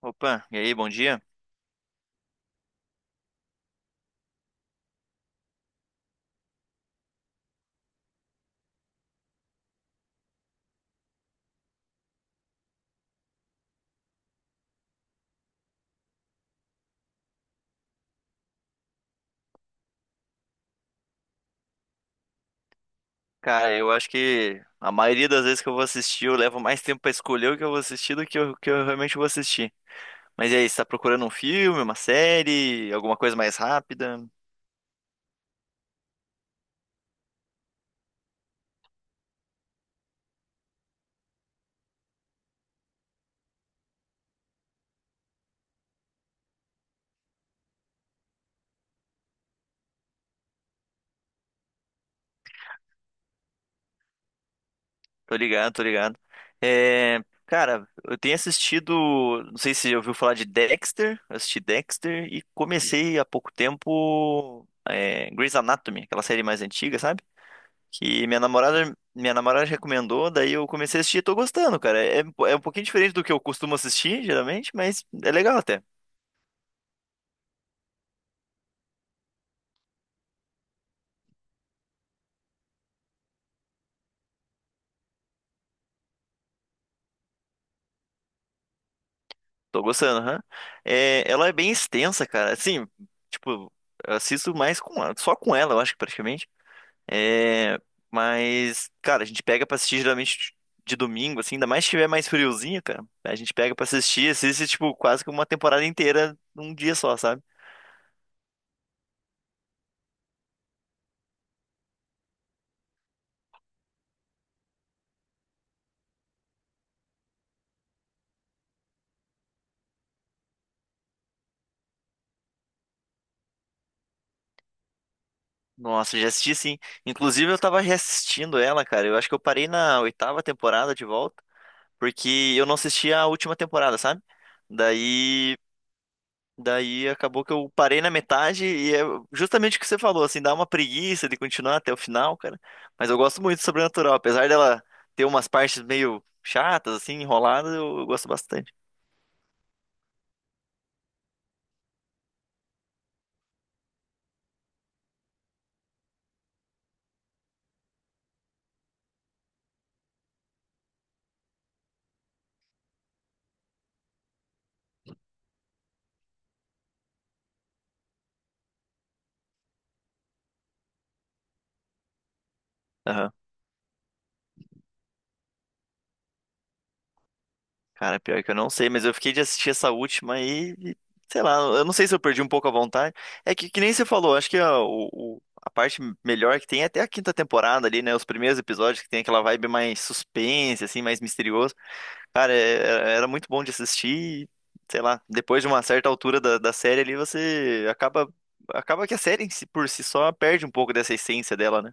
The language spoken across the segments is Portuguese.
Opa, e aí, bom dia? Cara, eu acho que a maioria das vezes que eu vou assistir, eu levo mais tempo pra escolher o que eu vou assistir do que o que eu realmente vou assistir. Mas e aí, você tá procurando um filme, uma série, alguma coisa mais rápida? Tô ligado, tô ligado. É, Cara, eu tenho assistido, não sei se você ouviu falar de Dexter. Eu assisti Dexter e comecei há pouco tempo Grey's Anatomy, aquela série mais antiga, sabe? Que minha namorada recomendou, daí eu comecei a assistir e tô gostando, cara. É, é um pouquinho diferente do que eu costumo assistir, geralmente, mas é legal até. Tô gostando, aham. É, ela é bem extensa, cara. Assim, tipo, eu assisto mais com ela, só com ela, eu acho que praticamente. É, mas, cara, a gente pega pra assistir geralmente de domingo, assim, ainda mais se tiver mais friozinho, cara. A gente pega pra assistir, assiste, tipo, quase que uma temporada inteira num dia só, sabe? Nossa, já assisti sim. Inclusive, eu tava reassistindo ela, cara. Eu acho que eu parei na oitava temporada de volta, porque eu não assisti a última temporada, sabe? Daí, daí acabou que eu parei na metade e é justamente o que você falou, assim, dá uma preguiça de continuar até o final, cara. Mas eu gosto muito de Sobrenatural, apesar dela ter umas partes meio chatas, assim, enroladas, eu gosto bastante. Cara, pior que eu não sei, mas eu fiquei de assistir essa última aí, e, sei lá, eu não sei se eu perdi um pouco a vontade. É que nem você falou, acho que a parte melhor que tem é até a quinta temporada ali, né? Os primeiros episódios que tem aquela vibe mais suspense, assim, mais misterioso. Cara, era muito bom de assistir, e, sei lá, depois de uma certa altura da série ali, você acaba que a série por si só perde um pouco dessa essência dela, né?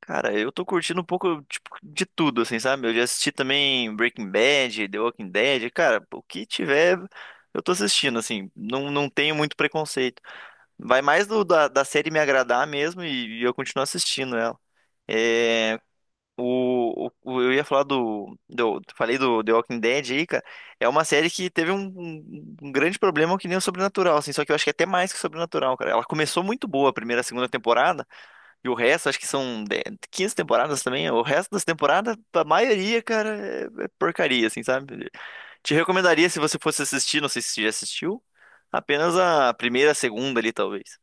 Cara, eu tô curtindo um pouco, tipo, de tudo, assim, sabe? Eu já assisti também Breaking Bad, The Walking Dead, cara, o que tiver, eu tô assistindo, assim, não tenho muito preconceito. Vai mais da série me agradar mesmo e eu continuo assistindo ela. É, o, o- eu ia falar falei do The Walking Dead aí, cara, é uma série que teve um grande problema que nem o Sobrenatural, assim, só que eu acho que é até mais que o Sobrenatural, cara. Ela começou muito boa a primeira, a segunda temporada, e o resto, acho que 15 temporadas também. O resto das temporadas, a maioria, cara, é porcaria, assim, sabe? Te recomendaria se você fosse assistir, não sei se você já assistiu, apenas a primeira, a segunda ali, talvez.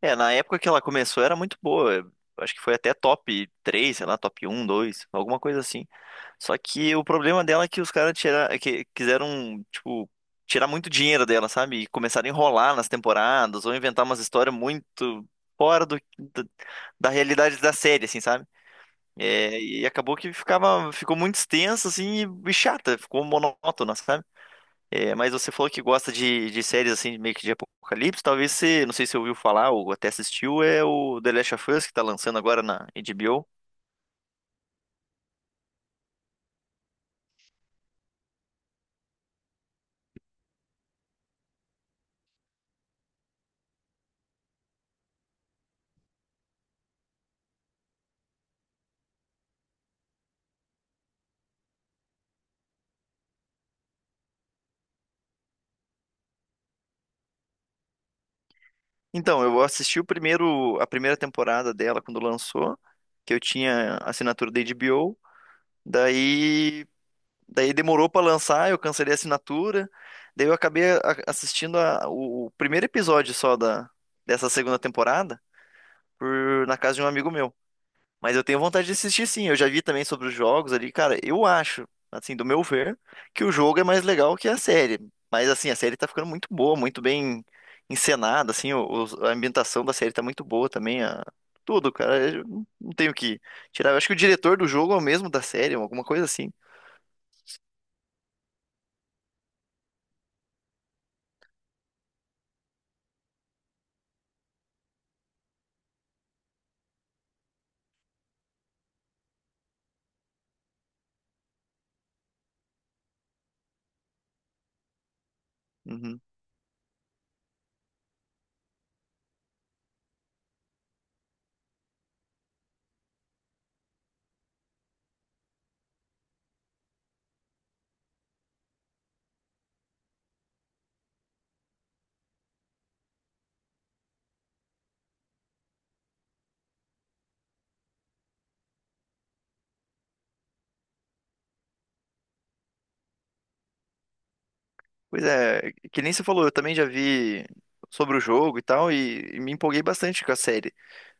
É, na época que ela começou era muito boa. Eu Acho que foi até top 3, sei lá, top um, 2, alguma coisa assim. Só que o problema dela é que os caras que quiseram, tipo, tirar muito dinheiro dela, sabe? E começaram a enrolar nas temporadas ou inventar umas histórias muito fora do, da da realidade da série, assim, sabe? É, e acabou que ficou muito extenso, assim, e chata, ficou monótona, sabe? É, mas você falou que gosta de séries assim, meio que de apocalipse. Talvez você, não sei se você ouviu falar ou até assistiu, é o The Last of Us que tá lançando agora na HBO. Então, eu assisti a primeira temporada dela quando lançou, que eu tinha assinatura da HBO. Daí, daí demorou pra lançar, eu cancelei a assinatura. Daí eu assistindo o primeiro episódio só dessa segunda temporada na casa de um amigo meu. Mas eu tenho vontade de assistir sim. Eu já vi também sobre os jogos ali, cara. Eu acho, assim, do meu ver, que o jogo é mais legal que a série. Mas assim, a série tá ficando muito boa, muito bem encenada, assim, a ambientação da série tá muito boa também, tudo, cara. Eu não tenho o que tirar. Eu acho que o diretor do jogo é o mesmo da série, alguma coisa assim. Uhum. Pois é, que nem você falou, eu também já vi sobre o jogo e tal, e me empolguei bastante com a série.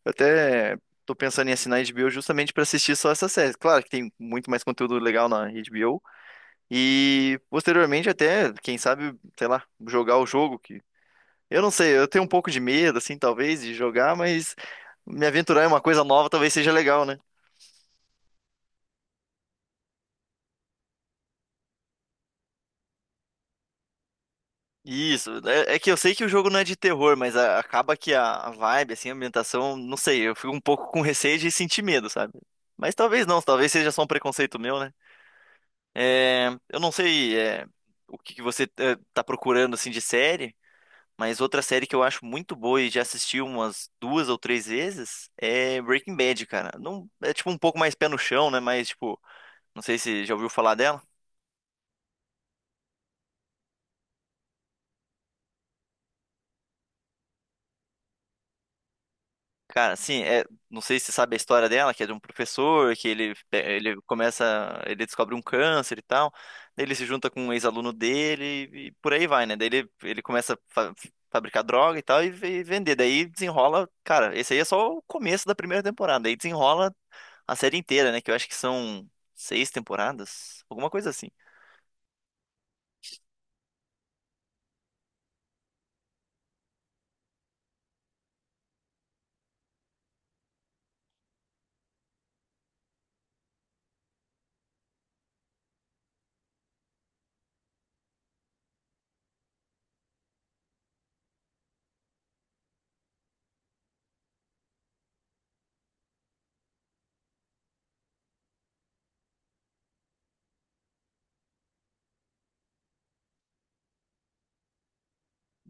Eu até tô pensando em assinar a HBO justamente para assistir só essa série. Claro que tem muito mais conteúdo legal na HBO. E posteriormente até, quem sabe, sei lá, jogar o jogo que eu não sei, eu tenho um pouco de medo assim, talvez, de jogar, mas me aventurar em uma coisa nova talvez seja legal, né? Isso, é, é que eu sei que o jogo não é de terror, mas acaba que a vibe, assim, a ambientação, não sei, eu fico um pouco com receio de sentir medo, sabe? Mas talvez não, talvez seja só um preconceito meu, né? Eu não sei é, o que que você está procurando assim de série, mas outra série que eu acho muito boa e já assisti umas duas ou três vezes é Breaking Bad, cara. Não, é tipo um pouco mais pé no chão, né? Mas tipo, não sei se já ouviu falar dela. Cara, assim, é, não sei se você sabe a história dela, que é de um professor, que ele começa, ele descobre um câncer e tal, daí ele se junta com um ex-aluno dele e por aí vai, né? Daí ele começa a fabricar droga e tal e, vender, daí desenrola, cara, esse aí é só o começo da primeira temporada, aí desenrola a série inteira, né? Que eu acho que são seis temporadas, alguma coisa assim.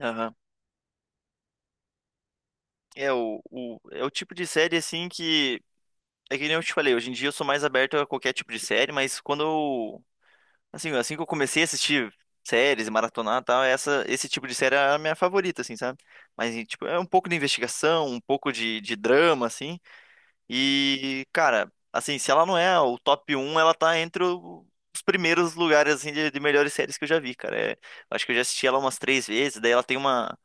Aham. É é o tipo de série, assim, que... É que nem eu te falei, hoje em dia eu sou mais aberto a qualquer tipo de série, mas assim que eu comecei a assistir séries e maratonar e tal, esse tipo de série era a minha favorita, assim, sabe? Mas, e, tipo, é um pouco de investigação, um pouco de drama, assim. E, cara, assim, se ela não é o top um ela tá entre os primeiros lugares, assim, de melhores séries que eu já vi, cara. É, eu acho que eu já assisti ela umas três vezes. Daí ela tem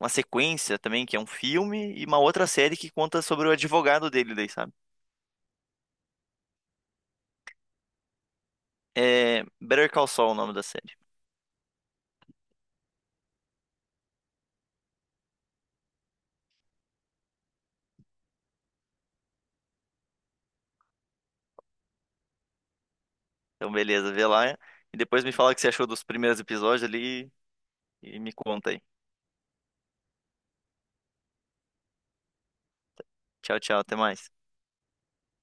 uma sequência também, que é um filme, e uma outra série que conta sobre o advogado dele, daí, sabe? É Better Call Saul, o nome da série. Então, beleza, vê lá e depois me fala o que você achou dos primeiros episódios ali e me conta aí. Tchau, tchau, até mais.